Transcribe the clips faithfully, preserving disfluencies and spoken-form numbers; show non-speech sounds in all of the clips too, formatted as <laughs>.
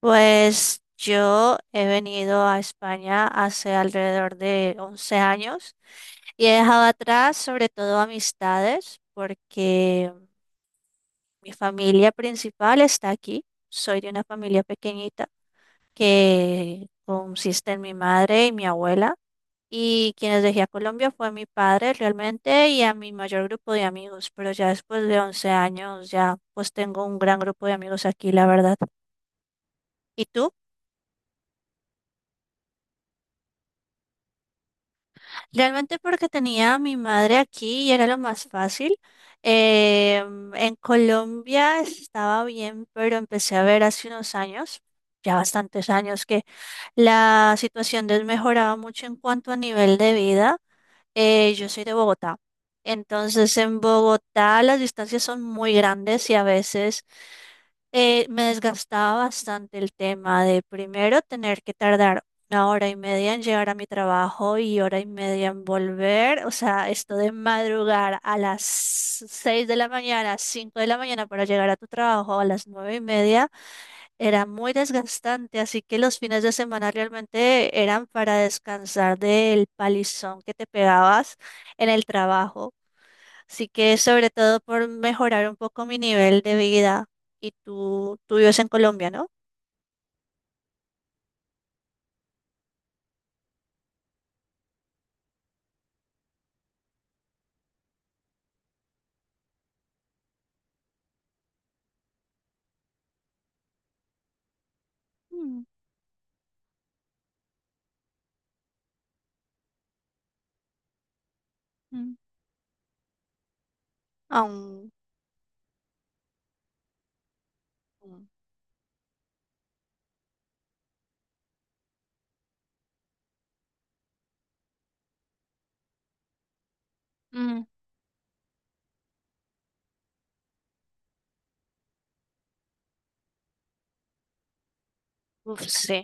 Pues yo he venido a España hace alrededor de once años y he dejado atrás sobre todo amistades porque mi familia principal está aquí. Soy de una familia pequeñita que consiste en mi madre y mi abuela y quienes dejé a Colombia fue mi padre realmente y a mi mayor grupo de amigos, pero ya después de once años ya pues tengo un gran grupo de amigos aquí, la verdad. ¿Y tú? Realmente porque tenía a mi madre aquí y era lo más fácil. Em, en Colombia estaba bien, pero empecé a ver hace unos años, ya bastantes años, que la situación desmejoraba mucho en cuanto a nivel de vida. Eh, yo soy de Bogotá. Entonces, en Bogotá las distancias son muy grandes y a veces eh, me desgastaba bastante el tema de primero tener que tardar una hora y media en llegar a mi trabajo y hora y media en volver. O sea, esto de madrugar a las seis de la mañana, cinco de la mañana para llegar a tu trabajo a las nueve y media. Era muy desgastante, así que los fines de semana realmente eran para descansar del palizón que te pegabas en el trabajo. Así que sobre todo por mejorar un poco mi nivel de vida. Y tú, tú vives en Colombia, ¿no? Mm, mm. Aún. Mm. Mm. Uf, sí,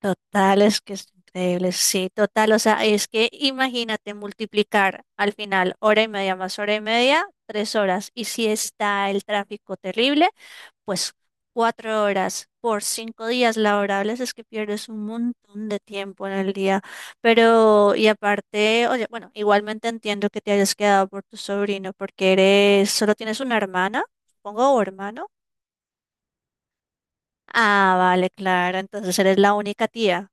total, es que es increíble, sí, total, o sea, es que imagínate multiplicar al final hora y media más hora y media, tres horas, y si está el tráfico terrible. Pues cuatro horas por cinco días laborables es que pierdes un montón de tiempo en el día. Pero, y aparte, oye, bueno, igualmente entiendo que te hayas quedado por tu sobrino porque eres, solo tienes una hermana, supongo, o hermano. Ah, vale, claro, entonces eres la única tía.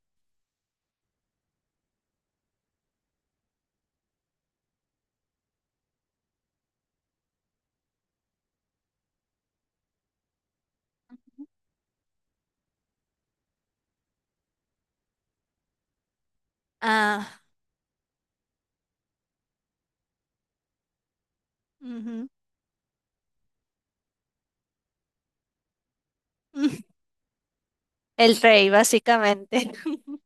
Ah, ujú, <laughs> el rey, básicamente. <laughs>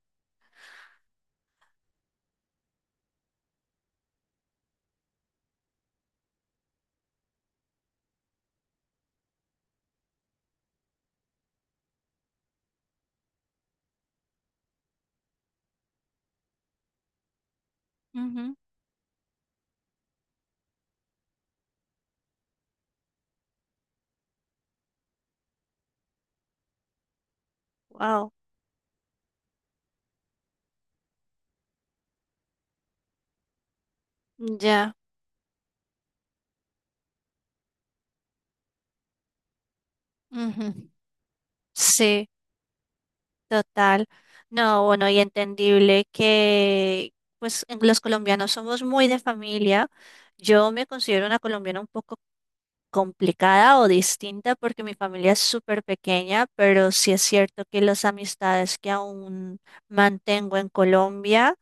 Wow, ya, ujú. Sí. Total, no, bueno, y entendible que pues en- los colombianos somos muy de familia. Yo me considero una colombiana un poco complicada o distinta porque mi familia es súper pequeña, pero sí es cierto que las amistades que aún mantengo en Colombia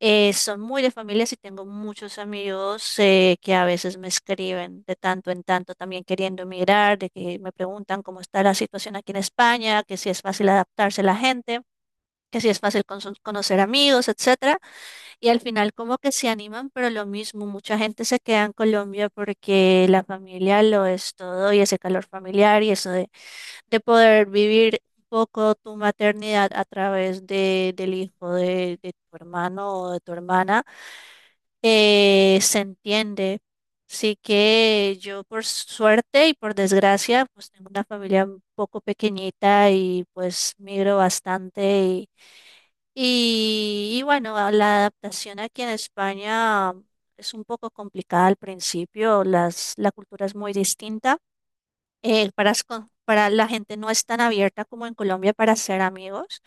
eh, son muy de familia y tengo muchos amigos eh, que a veces me escriben de tanto en tanto también queriendo emigrar, de que me preguntan cómo está la situación aquí en España, que si es fácil adaptarse la gente que sí es fácil con- conocer amigos, etcétera, y al final como que se animan, pero lo mismo, mucha gente se queda en Colombia porque la familia lo es todo y ese calor familiar y eso de, de poder vivir un poco tu maternidad a través de, del hijo de, de tu hermano o de tu hermana, eh, se entiende. Así que yo por suerte y por desgracia, pues tengo una familia un poco pequeñita y pues migro bastante y, y bueno, a la adaptación aquí en España es un poco complicada al principio, las, la cultura es muy distinta eh, para, las co- para la gente no es tan abierta como en Colombia para ser amigos.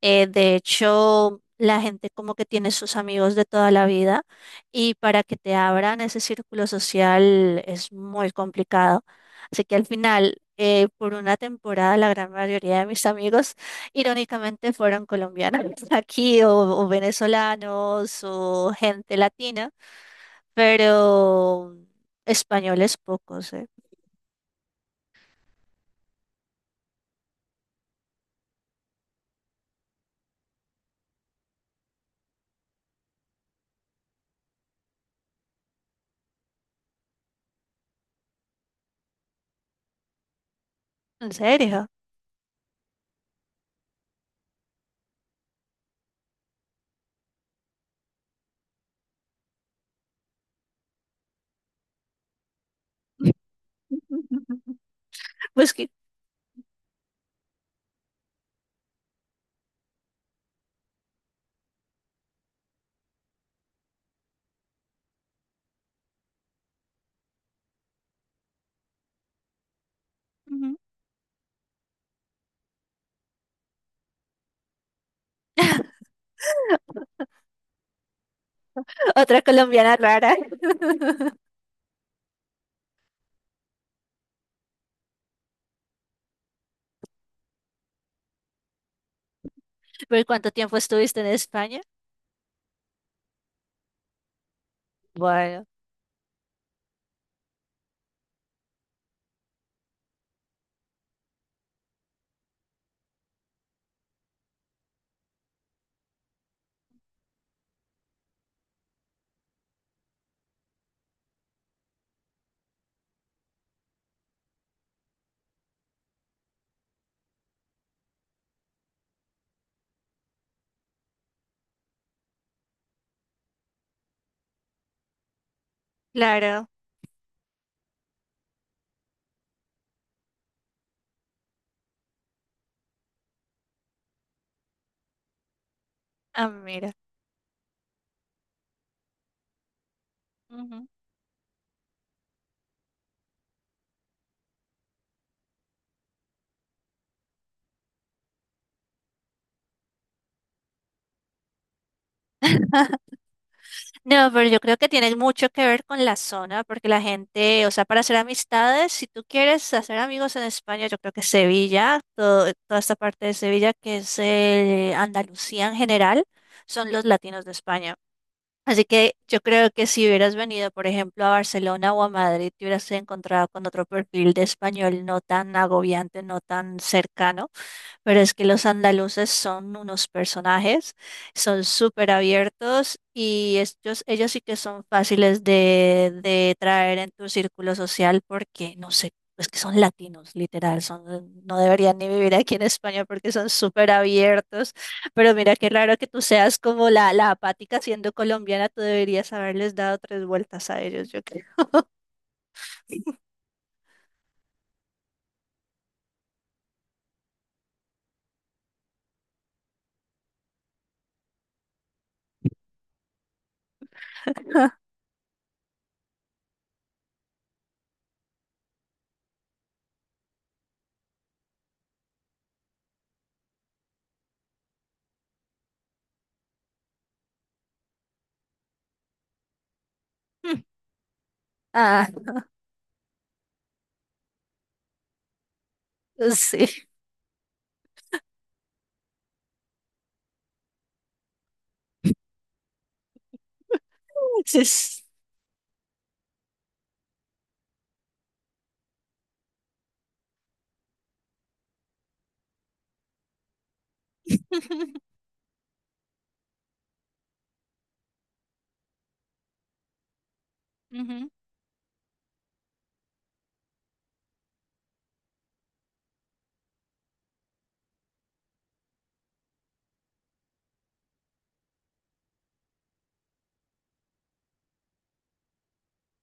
Eh, de hecho, la gente como que tiene sus amigos de toda la vida y para que te abran ese círculo social es muy complicado. Así que al final, eh, por una temporada, la gran mayoría de mis amigos, irónicamente, fueron colombianos <laughs> aquí o, o venezolanos o gente latina, pero españoles pocos, ¿eh? ¿En serio? <laughs> Pues que ujú, otra colombiana rara. <laughs> ¿Por cuánto tiempo estuviste en España? Bueno, claro. Ah, mira. Ujú. <laughs> No, pero yo creo que tiene mucho que ver con la zona, porque la gente, o sea, para hacer amistades, si tú quieres hacer amigos en España, yo creo que Sevilla, todo- toda esta parte de Sevilla que es eh, Andalucía en general, son los latinos de España. Así que yo creo que si hubieras venido, por ejemplo, a Barcelona o a Madrid, te hubieras encontrado con otro perfil de español no tan agobiante, no tan cercano. Pero es que los andaluces son unos personajes, son súper abiertos y ellos, ellos sí que son fáciles de, de traer en tu círculo social porque, no sé, es que son latinos, literal, son, no deberían ni vivir aquí en España porque son súper abiertos. Pero mira, qué raro que tú seas como la, la apática siendo colombiana, tú deberías haberles dado tres vueltas a ellos, yo creo. <laughs> Ah, <laughs> sí, <laughs> sí. <laughs> Ujú,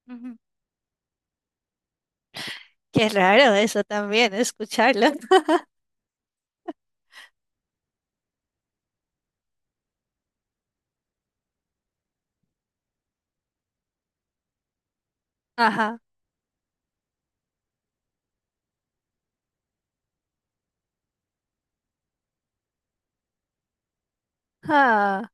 ujú. Qué raro eso también, escucharlo. <laughs> Ajá. Ah,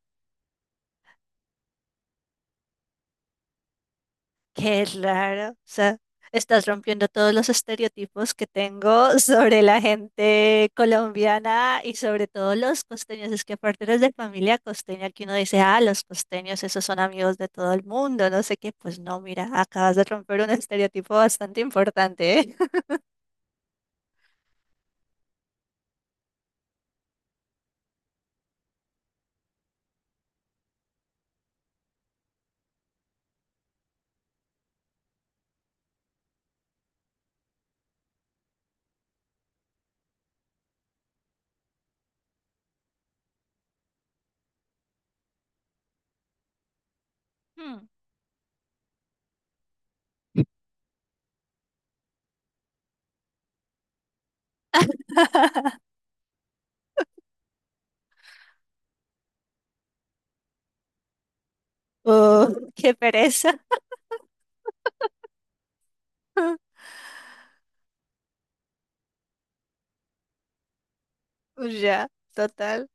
qué raro. O sea, estás rompiendo todos los estereotipos que tengo <laughs> sobre la gente colombiana y sobre todo los costeños. Es que aparte eres de familia costeña, que uno dice, ah, los costeños, esos son amigos de todo el mundo, no sé qué. Pues no, mira, acabas de romper un estereotipo bastante importante, ¿eh? <laughs> Hmm. <laughs> Uh, qué pereza. <laughs> Ya, total.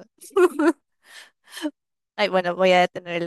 <laughs> Ay, bueno, voy a detener el